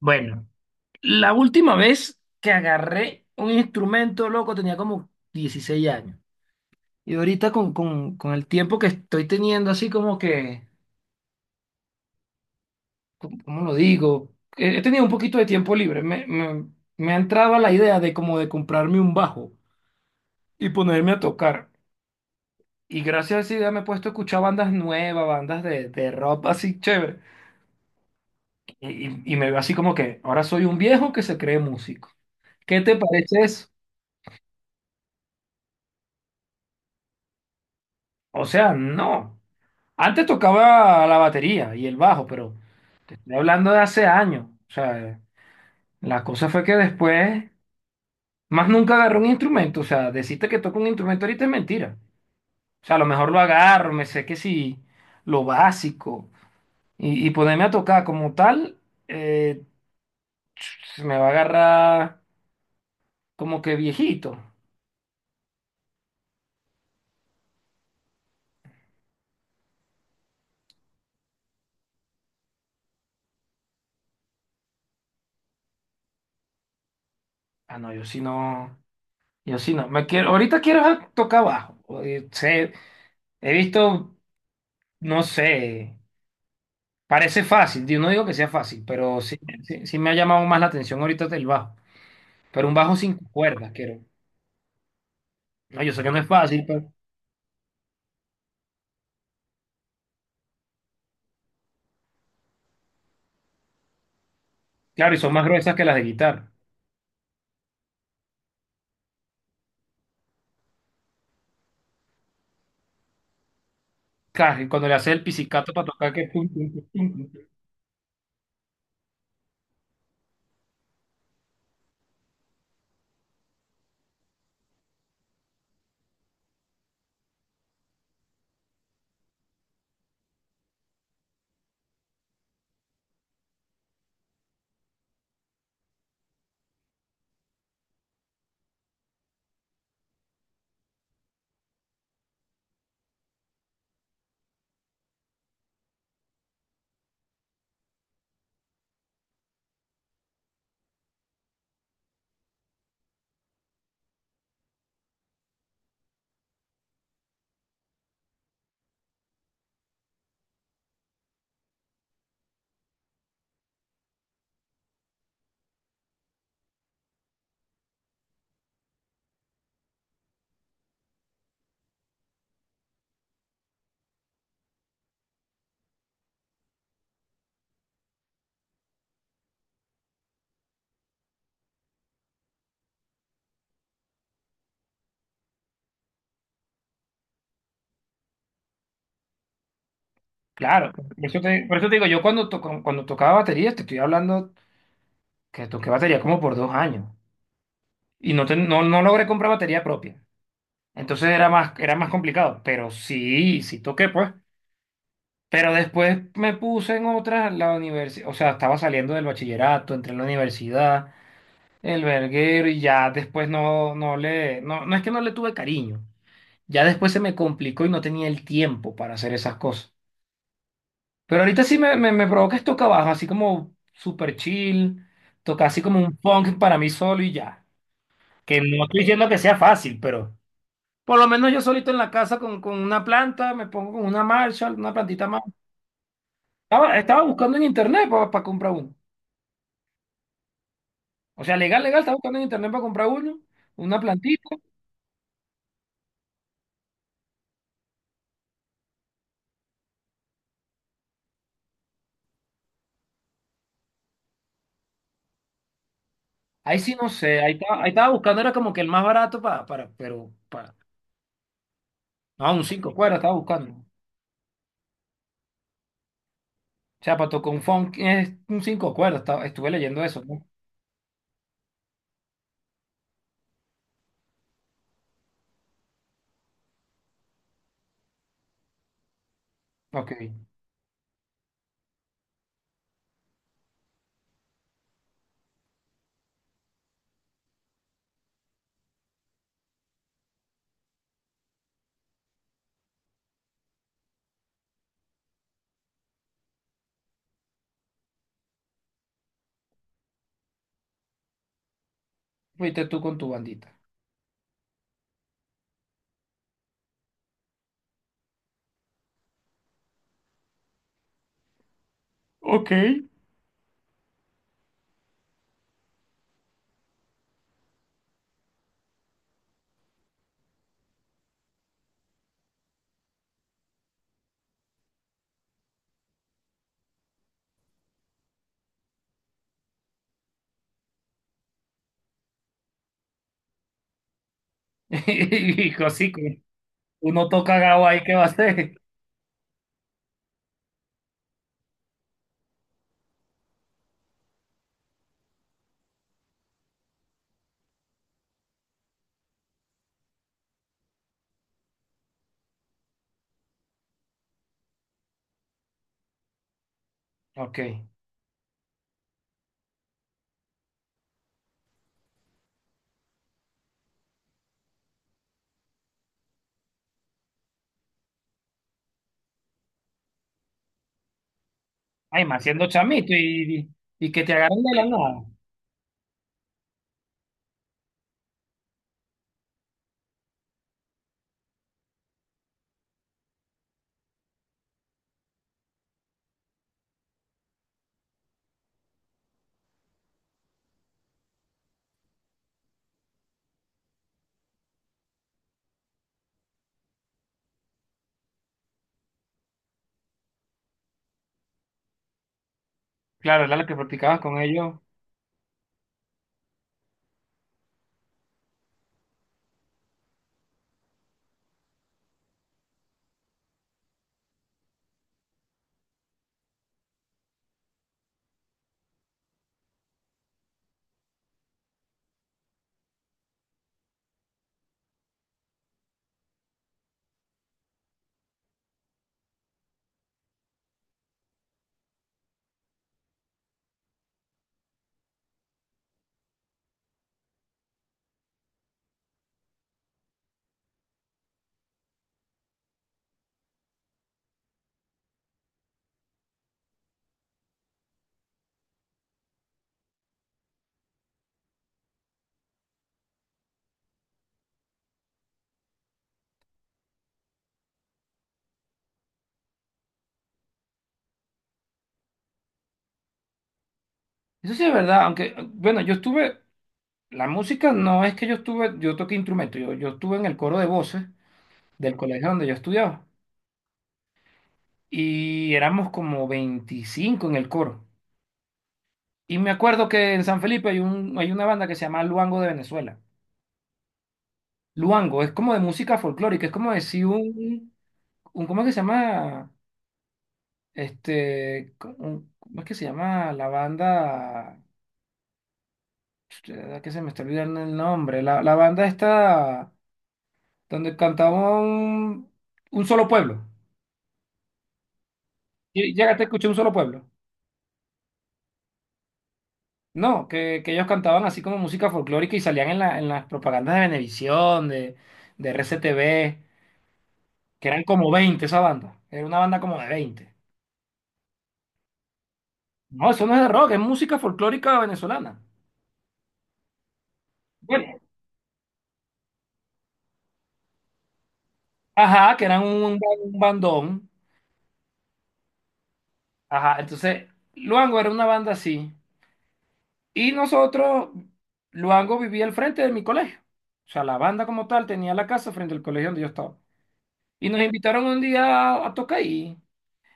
Bueno, la última vez que agarré un instrumento, loco, tenía como 16 años. Y ahorita con el tiempo que estoy teniendo, así como que, ¿cómo lo digo? He tenido un poquito de tiempo libre. Me ha entrado la idea de como de comprarme un bajo y ponerme a tocar. Y gracias a esa idea me he puesto a escuchar bandas nuevas, bandas de rock así chévere. Y me veo así como que ahora soy un viejo que se cree músico. ¿Qué te parece eso? O sea, no. Antes tocaba la batería y el bajo, pero te estoy hablando de hace años. O sea, la cosa fue que después, más nunca agarré un instrumento. O sea, decirte que toco un instrumento ahorita es mentira. O sea, a lo mejor lo agarro, me sé que sí, lo básico. Y ponerme a tocar como tal, eh, se me va a agarrar como que viejito. Ah, no, yo sí no, yo sí no. Me quiero, ahorita quiero tocar bajo. He visto, no sé. Parece fácil, yo no digo que sea fácil, pero sí, sí, sí me ha llamado más la atención ahorita el bajo. Pero un bajo sin cuerdas, quiero. No, yo sé que no es fácil, pero claro, y son más gruesas que las de guitarra. Claro, y cuando le haces el pizzicato para tocar que pum, pum, pum, pum, pum. Claro, por eso te digo, cuando tocaba batería, te estoy hablando que toqué batería como por 2 años y no logré comprar batería propia. Entonces era más complicado, pero sí, sí toqué, pues. Pero después me puse en otras, la universidad, o sea, estaba saliendo del bachillerato, entré en la universidad, el verguero y ya después no, no le, no, no es que no le tuve cariño, ya después se me complicó y no tenía el tiempo para hacer esas cosas. Pero ahorita sí me provoca es toca baja, así como super chill, toca así como un punk para mí solo y ya. Que no estoy diciendo que sea fácil, pero por lo menos yo solito en la casa con una planta, me pongo con una Marshall, una plantita más. Estaba buscando en internet para comprar uno. O sea, legal, legal, estaba buscando en internet para comprar uno, una plantita. Ahí sí no sé, ahí estaba buscando, era como que el más barato para, no, un cinco cuerdas estaba buscando. O sea, para tocar un funk es un cinco cuerdas, estuve leyendo eso, ¿no? Ok, fuiste tú con tu bandita. Ok. Y así, que uno toca gao ahí, ¿qué va a hacer? Ok. Ay, más siendo chamito y que te agarran de la nada. Claro, era lo que practicabas con ellos. Eso sí es verdad, aunque, bueno, yo estuve la música no es que yo estuve, yo toqué instrumento, yo estuve en el coro de voces del colegio donde yo estudiaba y éramos como 25 en el coro. Y me acuerdo que en San Felipe hay una banda que se llama Luango de Venezuela. Luango es como de música folclórica, es como decir un ¿cómo es que se llama? ¿Cómo es que se llama la banda? Que se me está olvidando el nombre. La banda está donde cantaba un solo pueblo. Y llegaste a escuchar un solo pueblo. No, que ellos cantaban así como música folclórica y salían en las propagandas de Venevisión, de RCTV, que eran como 20 esa banda. Era una banda como de 20. No, eso no es de rock, es música folclórica venezolana. Bueno, ajá, que eran un bandón. Ajá, entonces Luango era una banda así. Y nosotros, Luango vivía al frente de mi colegio. O sea, la banda como tal tenía la casa frente al colegio donde yo estaba. Y nos invitaron un día a tocar ahí.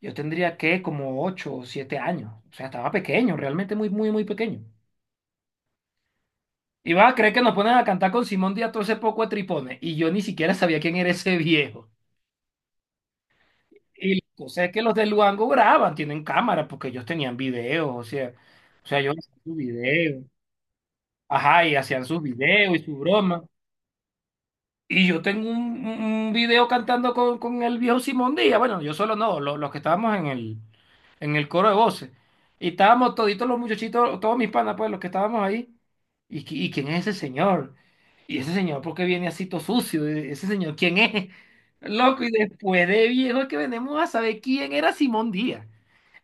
Yo tendría que como 8 o 7 años. O sea, estaba pequeño, realmente muy, muy, muy pequeño. Y vas a creer que nos ponen a cantar con Simón Díaz todo ese poco de tripones. Y yo ni siquiera sabía quién era ese viejo. Y la cosa es que los de Luango graban, tienen cámara, porque ellos tenían videos, o sea, ellos hacían sus videos. Ajá, y hacían sus videos y su broma. Y yo tengo un video cantando con el viejo Simón Díaz. Bueno, yo solo no, los, que estábamos en el coro de voces. Y estábamos toditos los muchachitos, todos mis panas, pues, los que estábamos ahí. ¿Y quién es ese señor? ¿Y ese señor por qué viene así todo sucio? ¿Ese señor quién es? Loco, y después de viejo es que venimos a saber quién era Simón Díaz.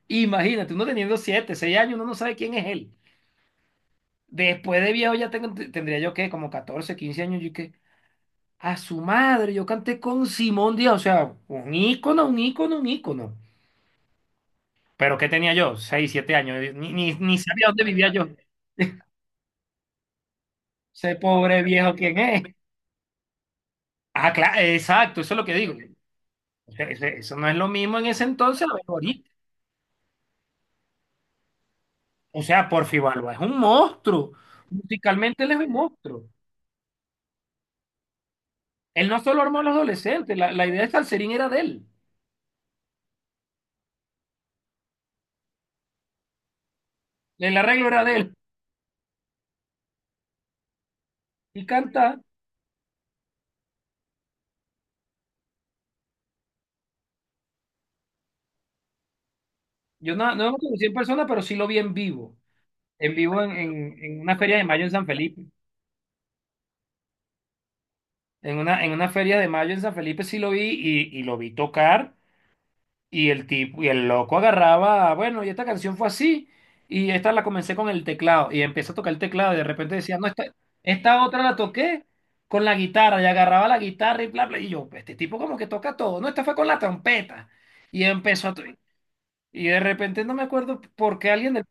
Imagínate, uno teniendo 7, 6 años, uno no sabe quién es él. Después de viejo ya tendría yo, ¿qué? Como 14, 15 años, ¿y qué? A su madre, yo canté con Simón Díaz, o sea, un ícono, un ícono, un ícono. Pero ¿qué tenía yo? 6, 7 años, ni sabía dónde vivía yo. Ese pobre viejo, ¿quién es? Ah, claro, exacto, eso es lo que digo. O sea, eso no es lo mismo en ese entonces, lo mejor ahorita. O sea, Porfi Balba es un monstruo. Musicalmente él es un monstruo. Él no solo armó a los adolescentes, la idea de Salserín era de él. El arreglo era de él. Y canta, yo no lo conocí en persona, pero sí lo vi en vivo. En vivo en una feria de mayo en San Felipe. En una feria de mayo en San Felipe sí lo vi y lo vi tocar y el tipo y el loco agarraba, bueno, y esta canción fue así y esta la comencé con el teclado y empecé a tocar el teclado y de repente decía, no, esta otra la toqué con la guitarra y agarraba la guitarra y bla, bla, y yo, este tipo como que toca todo, no, esta fue con la trompeta y empezó a… Y de repente no me acuerdo por qué alguien del…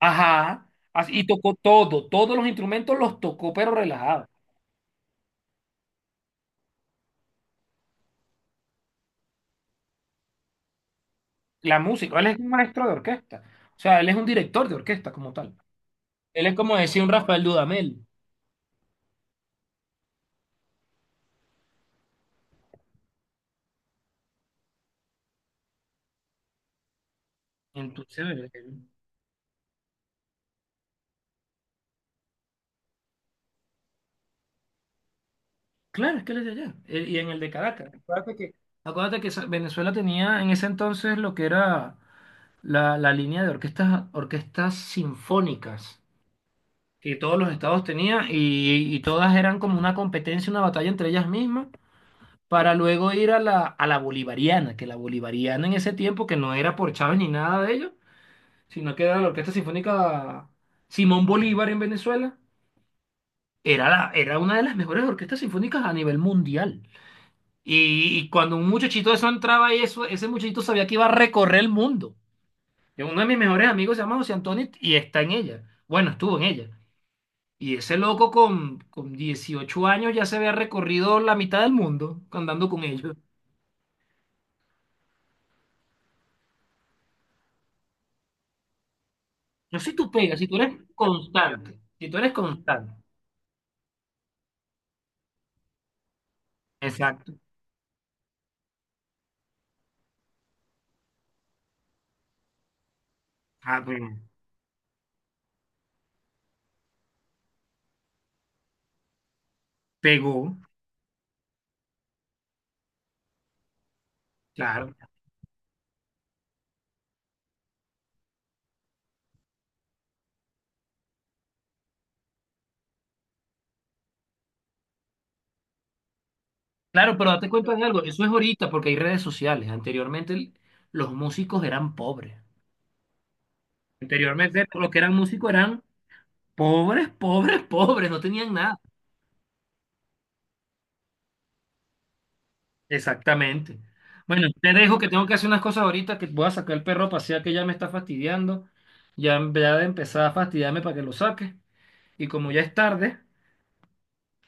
Y tocó todo, todos los instrumentos los tocó pero relajado. La música, él es un maestro de orquesta, o sea, él es un director de orquesta como tal. Él es como decía un Rafael Dudamel. Entonces, claro, es que él es de allá, y en el de Caracas. Acuérdate que Venezuela tenía en ese entonces lo que era la línea de orquestas, orquestas sinfónicas que todos los estados tenían y todas eran como una competencia, una batalla entre ellas mismas. Para luego ir a la bolivariana, que la bolivariana en ese tiempo, que no era por Chávez ni nada de ello, sino que era la Orquesta Sinfónica Simón Bolívar en Venezuela. Era una de las mejores orquestas sinfónicas a nivel mundial. Y cuando un muchachito de eso entraba ahí, eso, ese muchachito sabía que iba a recorrer el mundo. Y uno de mis mejores amigos se llama José Antonio y está en ella. Bueno, estuvo en ella. Y ese loco con 18 años ya se había recorrido la mitad del mundo andando con ellos. No sé si tú pegas, si tú eres constante, si tú eres constante. Exacto. Ah, pues, pegó, claro. Claro, pero date cuenta de algo, eso es ahorita porque hay redes sociales. Anteriormente los músicos eran pobres. Anteriormente los que eran músicos eran pobres, pobres, pobres, no tenían nada. Exactamente. Bueno, te dejo que tengo que hacer unas cosas ahorita, que voy a sacar el perro a pasear que ya me está fastidiando. Ya, ya de empezar a fastidiarme para que lo saque. Y como ya es tarde,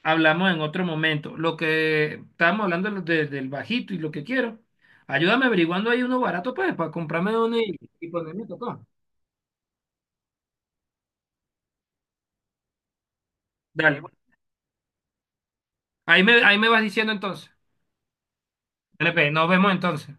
hablamos en otro momento. Lo que estábamos hablando del bajito y lo que quiero. Ayúdame averiguando ahí uno barato pues, para comprarme uno y ponerme a tocar. Dale. Bueno. Ahí me vas diciendo entonces. LP nos vemos entonces.